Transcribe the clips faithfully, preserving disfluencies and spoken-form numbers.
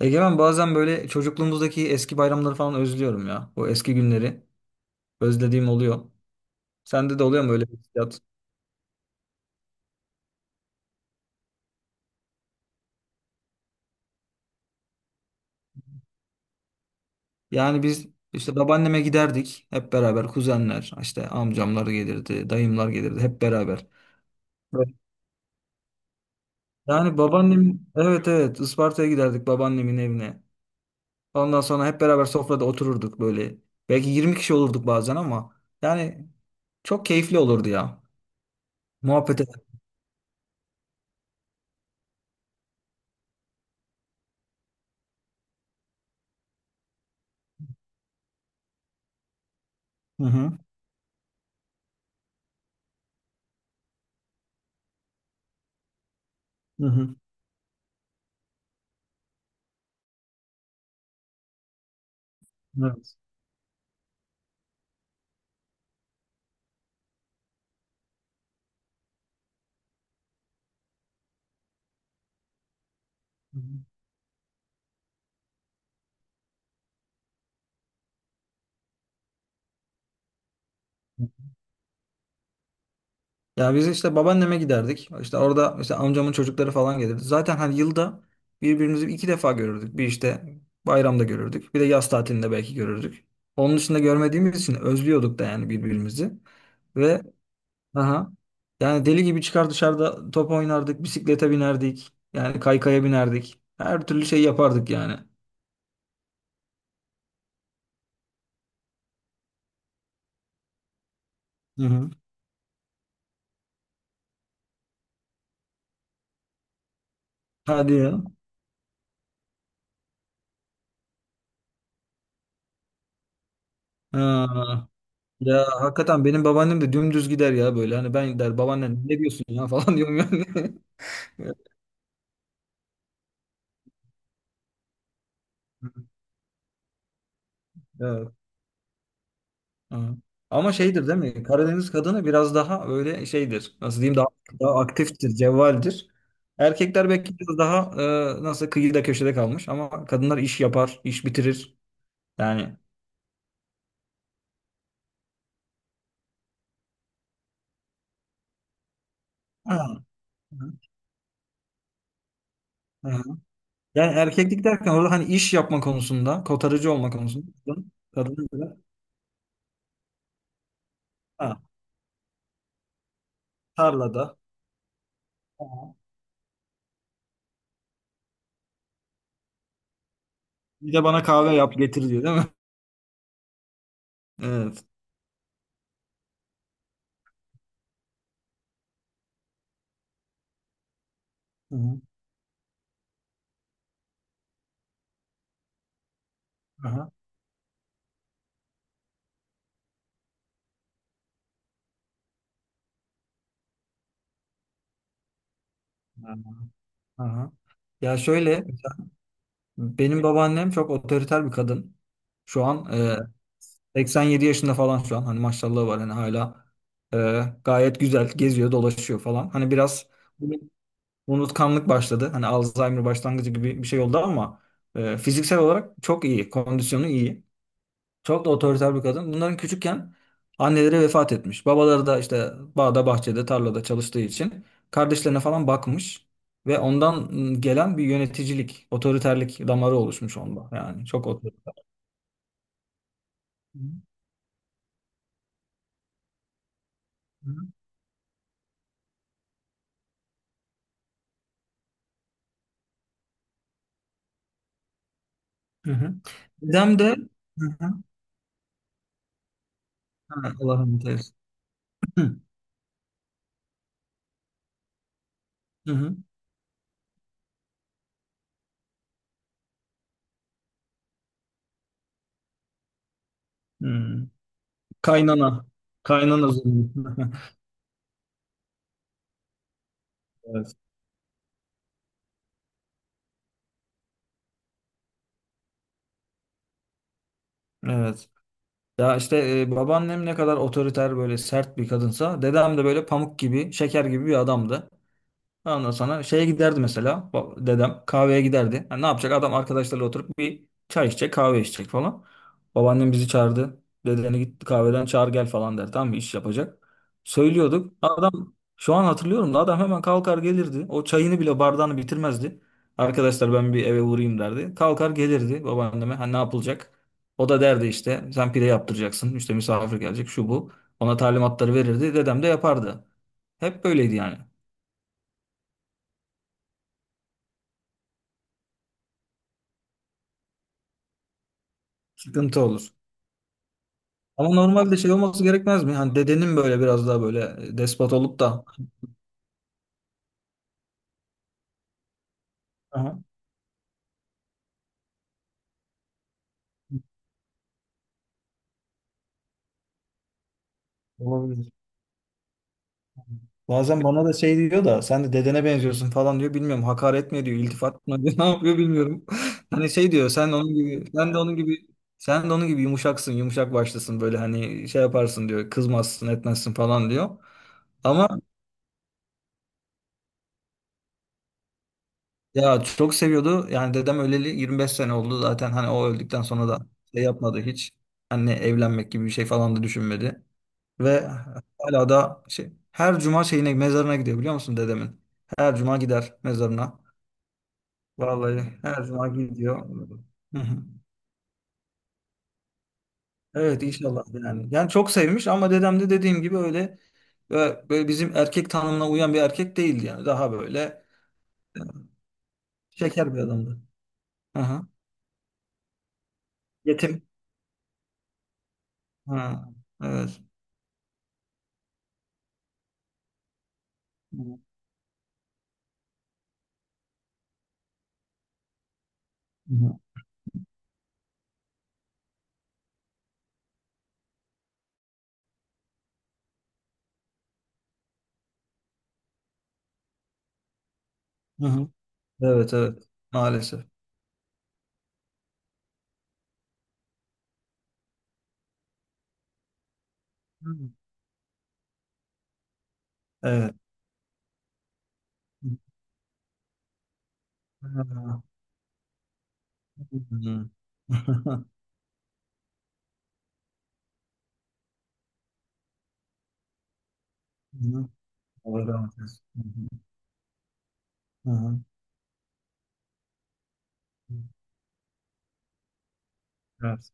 Egemen, bazen böyle çocukluğumuzdaki eski bayramları falan özlüyorum ya. O eski günleri özlediğim oluyor. Sende de oluyor mu öyle bir hissiyat? Yani biz işte babaanneme giderdik, hep beraber kuzenler, işte amcamlar gelirdi, dayımlar gelirdi hep beraber. Evet. Yani babaannem, evet evet, Isparta'ya giderdik, babaannemin evine. Ondan sonra hep beraber sofrada otururduk böyle. Belki yirmi kişi olurduk bazen ama yani çok keyifli olurdu ya. Muhabbet ederdik. Hı hı. Hı hı. Evet. Hı hı. Ya biz işte babaanneme giderdik. İşte orada işte amcamın çocukları falan gelirdi. Zaten hani yılda birbirimizi iki defa görürdük. Bir işte bayramda görürdük. Bir de yaz tatilinde belki görürdük. Onun dışında görmediğimiz için özlüyorduk da yani birbirimizi. Ve aha, yani deli gibi çıkar dışarıda top oynardık, bisiklete binerdik. Yani kaykaya binerdik. Her türlü şey yapardık yani. Hı hı. Hadi ya. Ha. Ya hakikaten benim babaannem de dümdüz gider ya böyle. Hani ben der, babaannen ne diyorsun ya falan diyorum yani. Evet. Hı. Ama şeydir değil mi? Karadeniz kadını biraz daha öyle şeydir. Nasıl diyeyim, daha, daha aktiftir, cevvaldir. Erkekler belki biraz daha e, nasıl kıyıda köşede kalmış ama kadınlar iş yapar, iş bitirir. Yani Hı. Hı. Hı. Yani erkeklik derken orada hani iş yapma konusunda, kotarıcı olma konusunda kadın, kadın böyle, ha, tarlada. Ha. Bir de bana kahve yap getir diyor değil mi? Evet. Hı hı. Aha. Aha. Aha. Ya şöyle benim babaannem çok otoriter bir kadın. Şu an e, seksen yedi yaşında falan şu an. Hani maşallahı var, hani hala e, gayet güzel geziyor, dolaşıyor falan. Hani biraz unutkanlık başladı. Hani Alzheimer başlangıcı gibi bir şey oldu ama e, fiziksel olarak çok iyi, kondisyonu iyi. Çok da otoriter bir kadın. Bunların küçükken anneleri vefat etmiş. Babaları da işte bağda, bahçede, tarlada çalıştığı için kardeşlerine falan bakmış. Ve ondan ım, gelen bir yöneticilik, otoriterlik damarı oluşmuş onda. Yani çok otoriter. Hı hı. Hı hı. Dedem de Hı hı. Ha, Allah rahmet eylesin. Hı hı. Hmm. Kaynana. Kaynana zulmü. Evet. Evet. Ya işte e, babaannem ne kadar otoriter, böyle sert bir kadınsa, dedem de böyle pamuk gibi, şeker gibi bir adamdı. Ondan sonra şeye giderdi mesela, ba- dedem kahveye giderdi. Ha, ne yapacak adam, arkadaşlarıyla oturup bir çay içecek, kahve içecek falan. Babaannem bizi çağırdı. Dedeni git kahveden çağır gel falan der. Tamam mı? İş yapacak. Söylüyorduk. Adam, şu an hatırlıyorum da, adam hemen kalkar gelirdi. O çayını bile, bardağını bitirmezdi. Arkadaşlar, ben bir eve uğrayayım derdi. Kalkar gelirdi babaanneme. Ha, ne yapılacak? O da derdi işte, sen pide yaptıracaksın. İşte misafir gelecek, şu bu. Ona talimatları verirdi. Dedem de yapardı. Hep böyleydi yani. Sıkıntı olur. Ama normalde şey olması gerekmez mi? Hani dedenin böyle biraz daha böyle despot olup da. Aha. Olabilir. Bazen bana da şey diyor da, sen de dedene benziyorsun falan diyor. Bilmiyorum, hakaret mi ediyor, iltifat mı ediyor, ne yapıyor bilmiyorum. Hani şey diyor, sen de onun gibi sen de onun gibi sen de onun gibi yumuşaksın, yumuşak başlısın böyle, hani şey yaparsın diyor. Kızmazsın, etmezsin falan diyor. Ama ya, çok seviyordu. Yani dedem öleli yirmi beş sene oldu zaten. Hani o öldükten sonra da şey yapmadı hiç. Anne evlenmek gibi bir şey falan da düşünmedi. Ve hala da şey, her cuma şeyine, mezarına gidiyor, biliyor musun dedemin? Her cuma gider mezarına. Vallahi her cuma gidiyor. Hı hı. Evet inşallah yani. Yani çok sevmiş ama dedem de dediğim gibi öyle, e, böyle bizim erkek tanımına uyan bir erkek değildi yani. Daha böyle şeker bir adamdı. Hı hı. Yetim. Ha, evet. Hı hı. Hı hı. Evet evet, maalesef. Hı. Evet. Hı. Hı. Allah rahmet eylesin. Hı hı. Aha. Evet.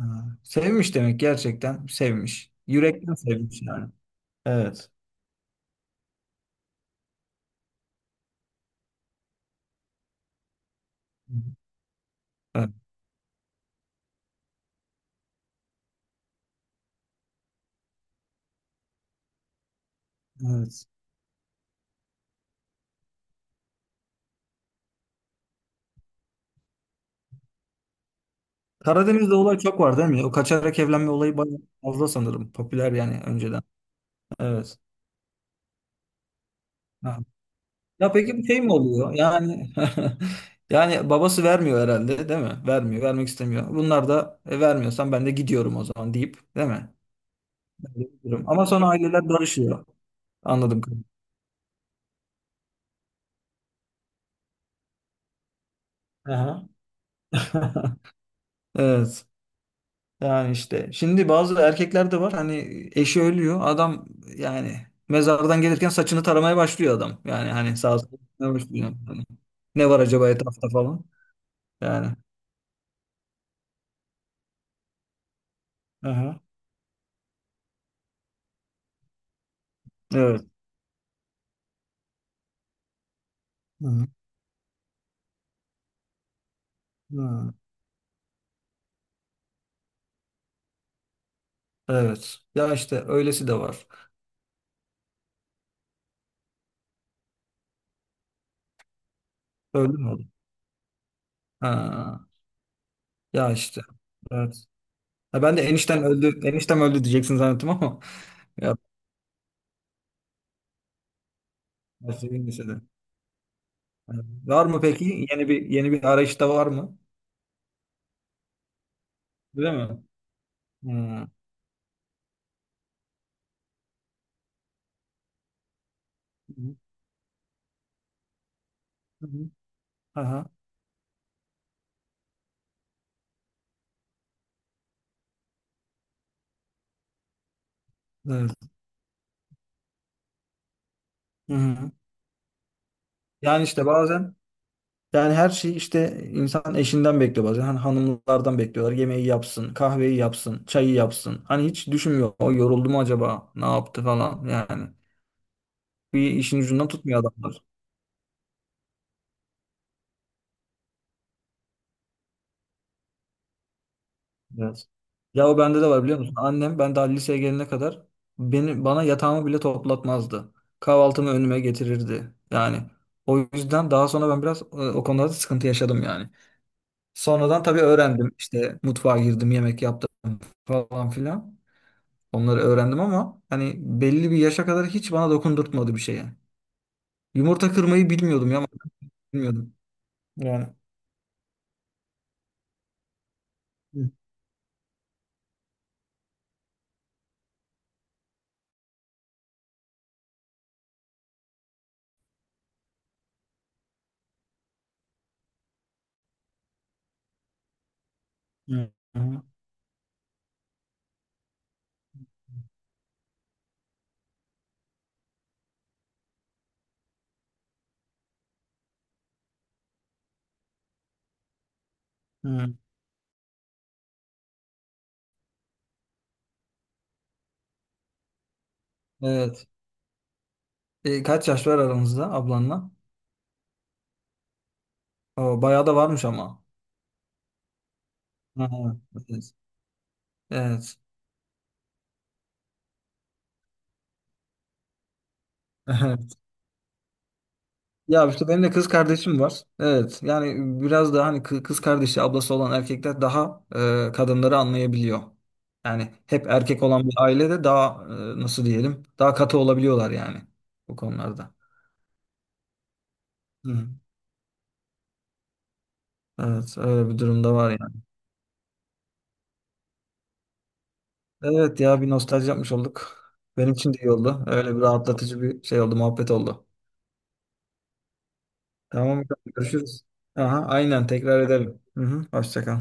Aha. Sevmiş demek, gerçekten sevmiş. Yürekten sevmiş yani. Evet. Evet. Evet. Karadeniz'de olay çok var değil mi? O kaçarak evlenme olayı bayağı fazla sanırım. Popüler yani önceden. Evet. Ha. Ya peki bu şey mi oluyor? Yani yani babası vermiyor herhalde değil mi? Vermiyor, vermek istemiyor. Bunlar da "E, vermiyorsan ben de gidiyorum o zaman" deyip değil mi? Ben de gidiyorum. Ama sonra aileler barışıyor. Anladım. Aha. Evet. Yani işte şimdi bazı erkekler de var, hani eşi ölüyor adam, yani mezardan gelirken saçını taramaya başlıyor adam. Yani hani sağ sola bakmaya başlıyor. Hani ne var acaba etrafta falan. Yani. Aha. Evet. Hı hı. Hı. Evet. Ya işte öylesi de var. Öldü mü oğlum? Ha. Ya işte. Evet. Ha, ben de enişten öldü, eniştem öldü diyeceksin zannettim ama. Ya neyse de. Yani var mı peki? Yeni bir yeni bir arayışta var mı? Değil mi? Hı. Hı hı. Hı hı. Aha. Evet. Hı hı. Yani işte bazen, yani her şeyi işte insan eşinden bekliyor bazen. Hani hanımlardan bekliyorlar. Yemeği yapsın, kahveyi yapsın, çayı yapsın. Hani hiç düşünmüyor. O yoruldu mu acaba? Ne yaptı falan yani. Bir işin ucundan tutmuyor adamlar. Evet. Ya o bende de var biliyor musun? Annem ben daha liseye gelene kadar beni, bana yatağımı bile toplatmazdı. Kahvaltımı önüme getirirdi. Yani o yüzden daha sonra ben biraz e, o konuda da sıkıntı yaşadım yani. Sonradan tabii öğrendim. İşte mutfağa girdim, yemek yaptım falan filan. Onları öğrendim ama hani belli bir yaşa kadar hiç bana dokundurtmadı bir şeye. Yumurta kırmayı bilmiyordum ya, bilmiyordum. Yani. Hı, hı, hı, hı. Evet. E, kaç yaş var aranızda ablanla? Oo, bayağı da varmış ama. Hı, hı. Evet. Evet. Ya işte benim de kız kardeşim var. Evet. Yani biraz daha hani, kı- kız kardeşi, ablası olan erkekler daha e, kadınları anlayabiliyor. Yani hep erkek olan bir ailede daha e, nasıl diyelim, daha katı olabiliyorlar yani bu konularda. Hı. Evet, öyle bir durumda var yani. Evet ya, bir nostalji yapmış olduk. Benim için de iyi oldu. Öyle bir rahatlatıcı bir şey oldu, muhabbet oldu. Tamam, görüşürüz. Aha, aynen, tekrar edelim. Hı hı, hoşça kal.